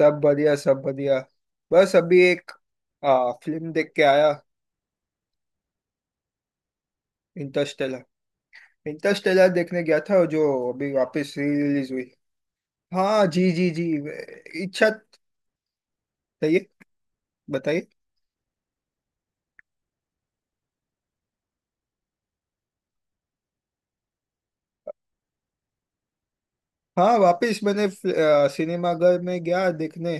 सब बढ़िया सब बढ़िया। बस अभी एक फिल्म देख के आया। इंटरस्टेलर। इंटरस्टेलर देखने गया था जो अभी वापस री रिलीज हुई। हाँ जी जी जी इच्छा बताइए बताइए। हाँ वापस मैंने सिनेमा घर में गया देखने।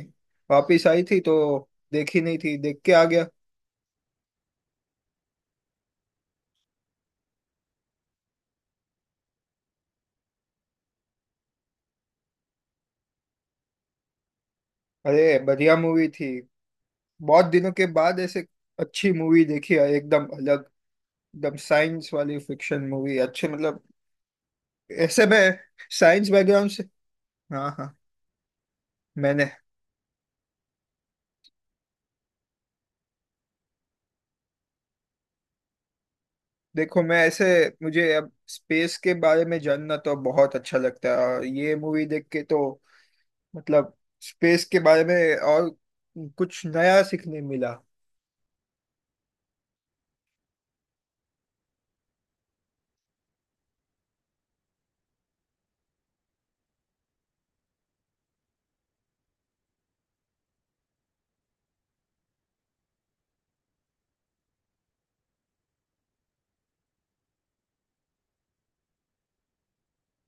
वापस आई थी तो देखी नहीं थी, देख के आ गया। अरे बढ़िया मूवी थी। बहुत दिनों के बाद ऐसे अच्छी मूवी देखी है, एकदम अलग, एकदम साइंस वाली फिक्शन मूवी, अच्छे मतलब। ऐसे मैं साइंस बैकग्राउंड से। हाँ हाँ। मैंने देखो मैं ऐसे, मुझे अब स्पेस के बारे में जानना तो बहुत अच्छा लगता है, और ये मूवी देख के तो मतलब स्पेस के बारे में और कुछ नया सीखने मिला।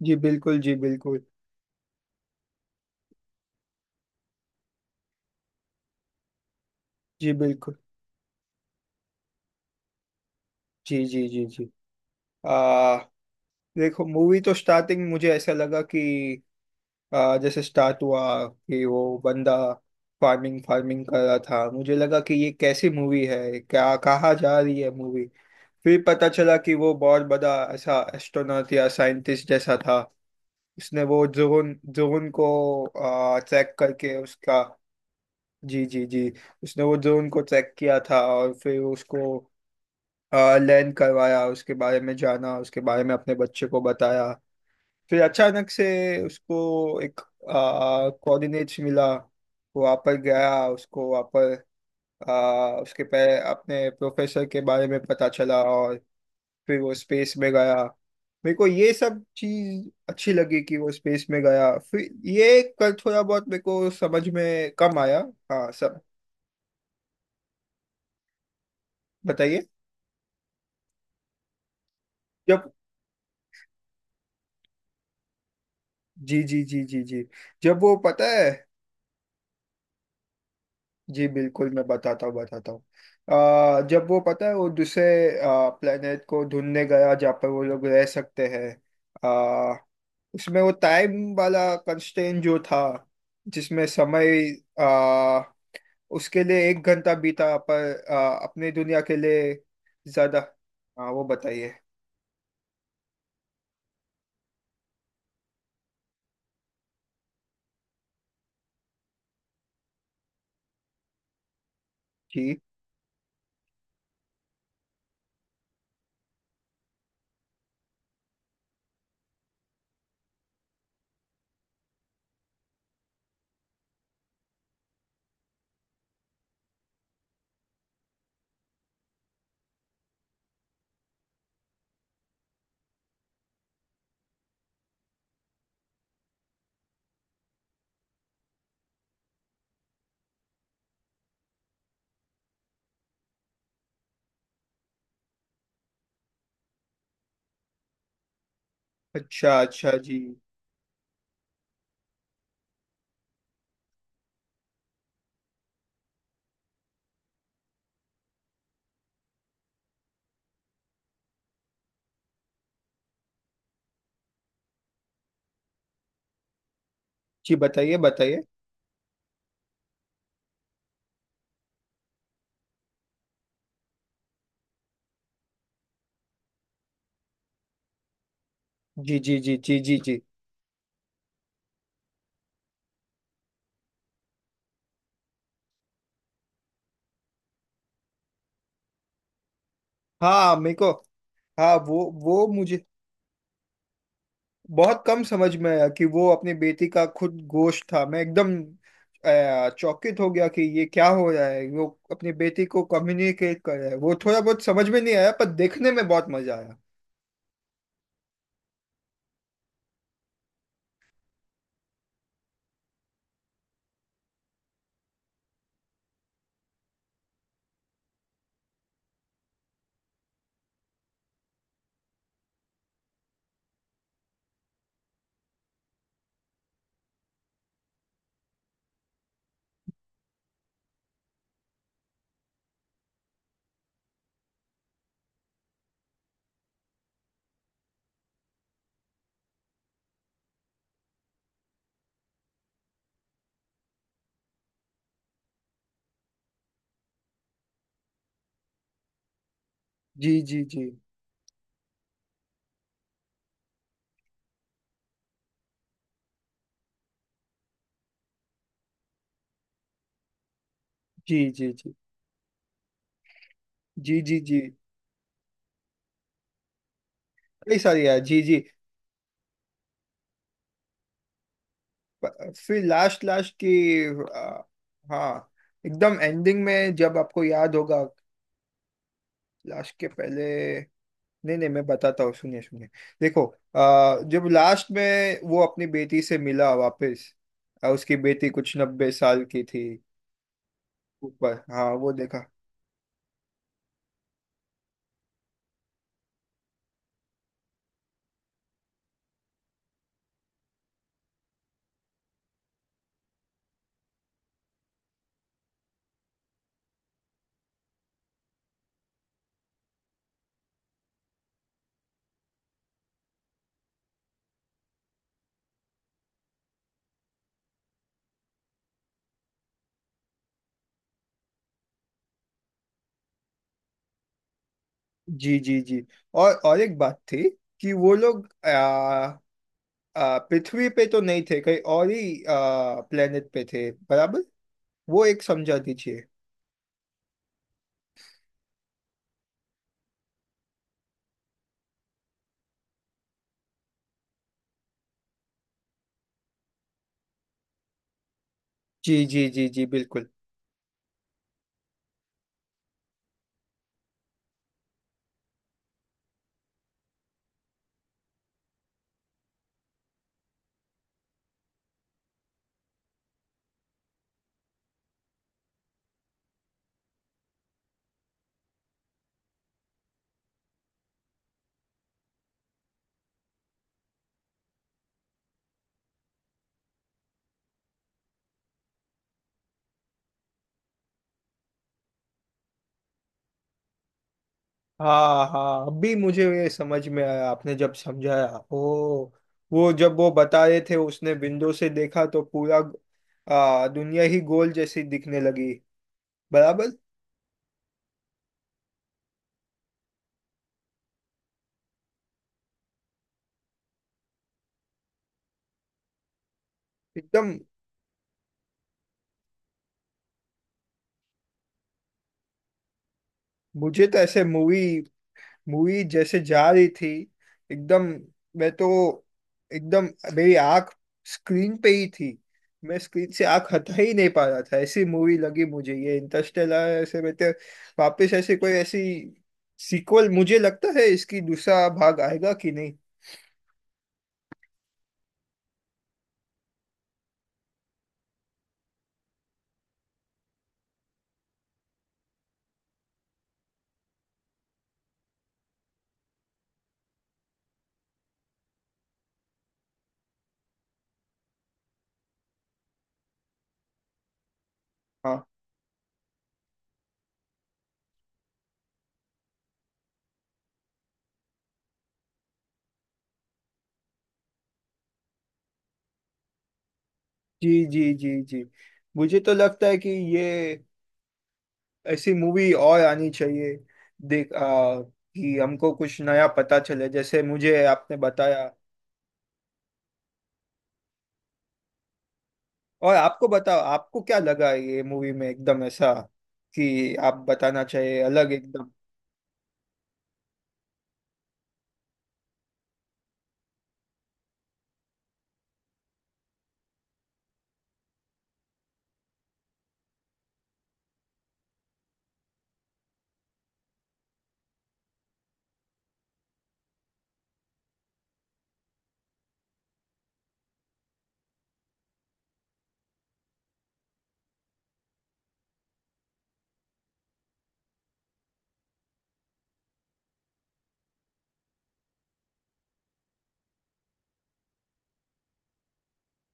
जी बिल्कुल जी बिल्कुल। जी बिल्कुल। जी जी जी जी। आ देखो मूवी तो स्टार्टिंग मुझे ऐसा लगा कि जैसे स्टार्ट हुआ कि वो बंदा फार्मिंग फार्मिंग कर रहा था, मुझे लगा कि ये कैसी मूवी है, क्या कहाँ जा रही है मूवी। फिर पता चला कि वो बहुत बड़ा ऐसा एस्ट्रोनॉट या साइंटिस्ट जैसा था। उसने वो जोन जोन को चेक करके उसका। जी जी जी। उसने वो जोन को चेक किया था और फिर उसको लैंड करवाया, उसके बारे में जाना, उसके बारे में अपने बच्चे को बताया। फिर अचानक से उसको एक कोऑर्डिनेट्स मिला, वो वहाँ पर गया, उसको वहाँ पर उसके पे अपने प्रोफेसर के बारे में पता चला और फिर वो स्पेस में गया। मेरे को ये सब चीज अच्छी लगी कि वो स्पेस में गया। फिर ये कल थोड़ा बहुत मेरे को समझ में कम आया। हाँ सब बताइए। जब जी जी जी जी जी। जब वो पता है, जी बिल्कुल मैं बताता हूँ बताता हूँ। जब वो पता है वो दूसरे प्लेनेट को ढूंढने गया जहाँ पर वो लोग रह सकते हैं। आ, उसमें वो टाइम वाला कंस्ट्रेंट जो था, जिसमें समय आ, उसके लिए एक घंटा बीता पर अपने दुनिया के लिए ज्यादा। हाँ वो बताइए। जी। अच्छा अच्छा जी। जी बताइए बताइए। जी जी जी जी जी जी। हाँ मेरे को। हाँ वो मुझे बहुत कम समझ में आया कि वो अपनी बेटी का खुद गोश्त था। मैं एकदम चौकित हो गया कि ये क्या हो रहा है, वो अपनी बेटी को कम्युनिकेट कर रहा है। वो थोड़ा बहुत समझ में नहीं आया पर देखने में बहुत मजा आया। जी जी जी जी जी जी जी जी जी। कई सारी है जी जी। फिर लास्ट लास्ट की आ, हाँ एकदम एंडिंग में जब आपको याद होगा। लास्ट के पहले नहीं नहीं मैं बताता हूँ सुनिए सुनिए। देखो जब लास्ट में वो अपनी बेटी से मिला वापस। उसकी बेटी कुछ 90 साल की थी। ऊपर, हाँ वो देखा। जी जी जी। और एक बात थी कि वो लोग आ, आ, पृथ्वी पे तो नहीं थे, कहीं और ही प्लेनेट पे थे बराबर। वो एक समझा दीजिए। जी जी जी जी बिल्कुल। हाँ हाँ अभी मुझे ये समझ में आया आपने जब समझाया। ओ वो जब वो बता रहे थे उसने विंडो से देखा तो पूरा दुनिया ही गोल जैसी दिखने लगी, बराबर, एकदम। मुझे तो ऐसे मूवी, मूवी जैसे जा रही थी एकदम। मैं तो एकदम मेरी आंख स्क्रीन पे ही थी, मैं स्क्रीन से आंख हटा ही नहीं पा रहा था। ऐसी मूवी लगी मुझे ये इंटरस्टेलर, ऐसे मैं तो वापस ऐसे कोई ऐसी सीक्वल मुझे लगता है इसकी दूसरा भाग आएगा कि नहीं। हाँ जी जी जी जी। मुझे तो लगता है कि ये ऐसी मूवी और आनी चाहिए देख कि हमको कुछ नया पता चले जैसे मुझे आपने बताया। और आपको बताओ आपको क्या लगा ये मूवी में एकदम ऐसा कि आप बताना चाहिए अलग एकदम।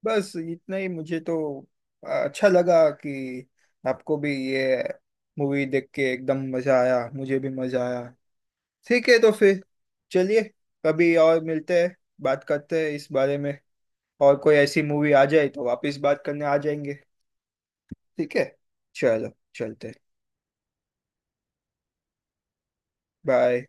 बस इतना ही मुझे तो अच्छा लगा कि आपको भी ये मूवी देख के एकदम मजा आया, मुझे भी मजा आया। ठीक है तो फिर चलिए कभी और मिलते हैं, बात करते हैं इस बारे में। और कोई ऐसी मूवी आ जाए तो वापस बात करने आ जाएंगे। ठीक है। चलो चलते। बाय।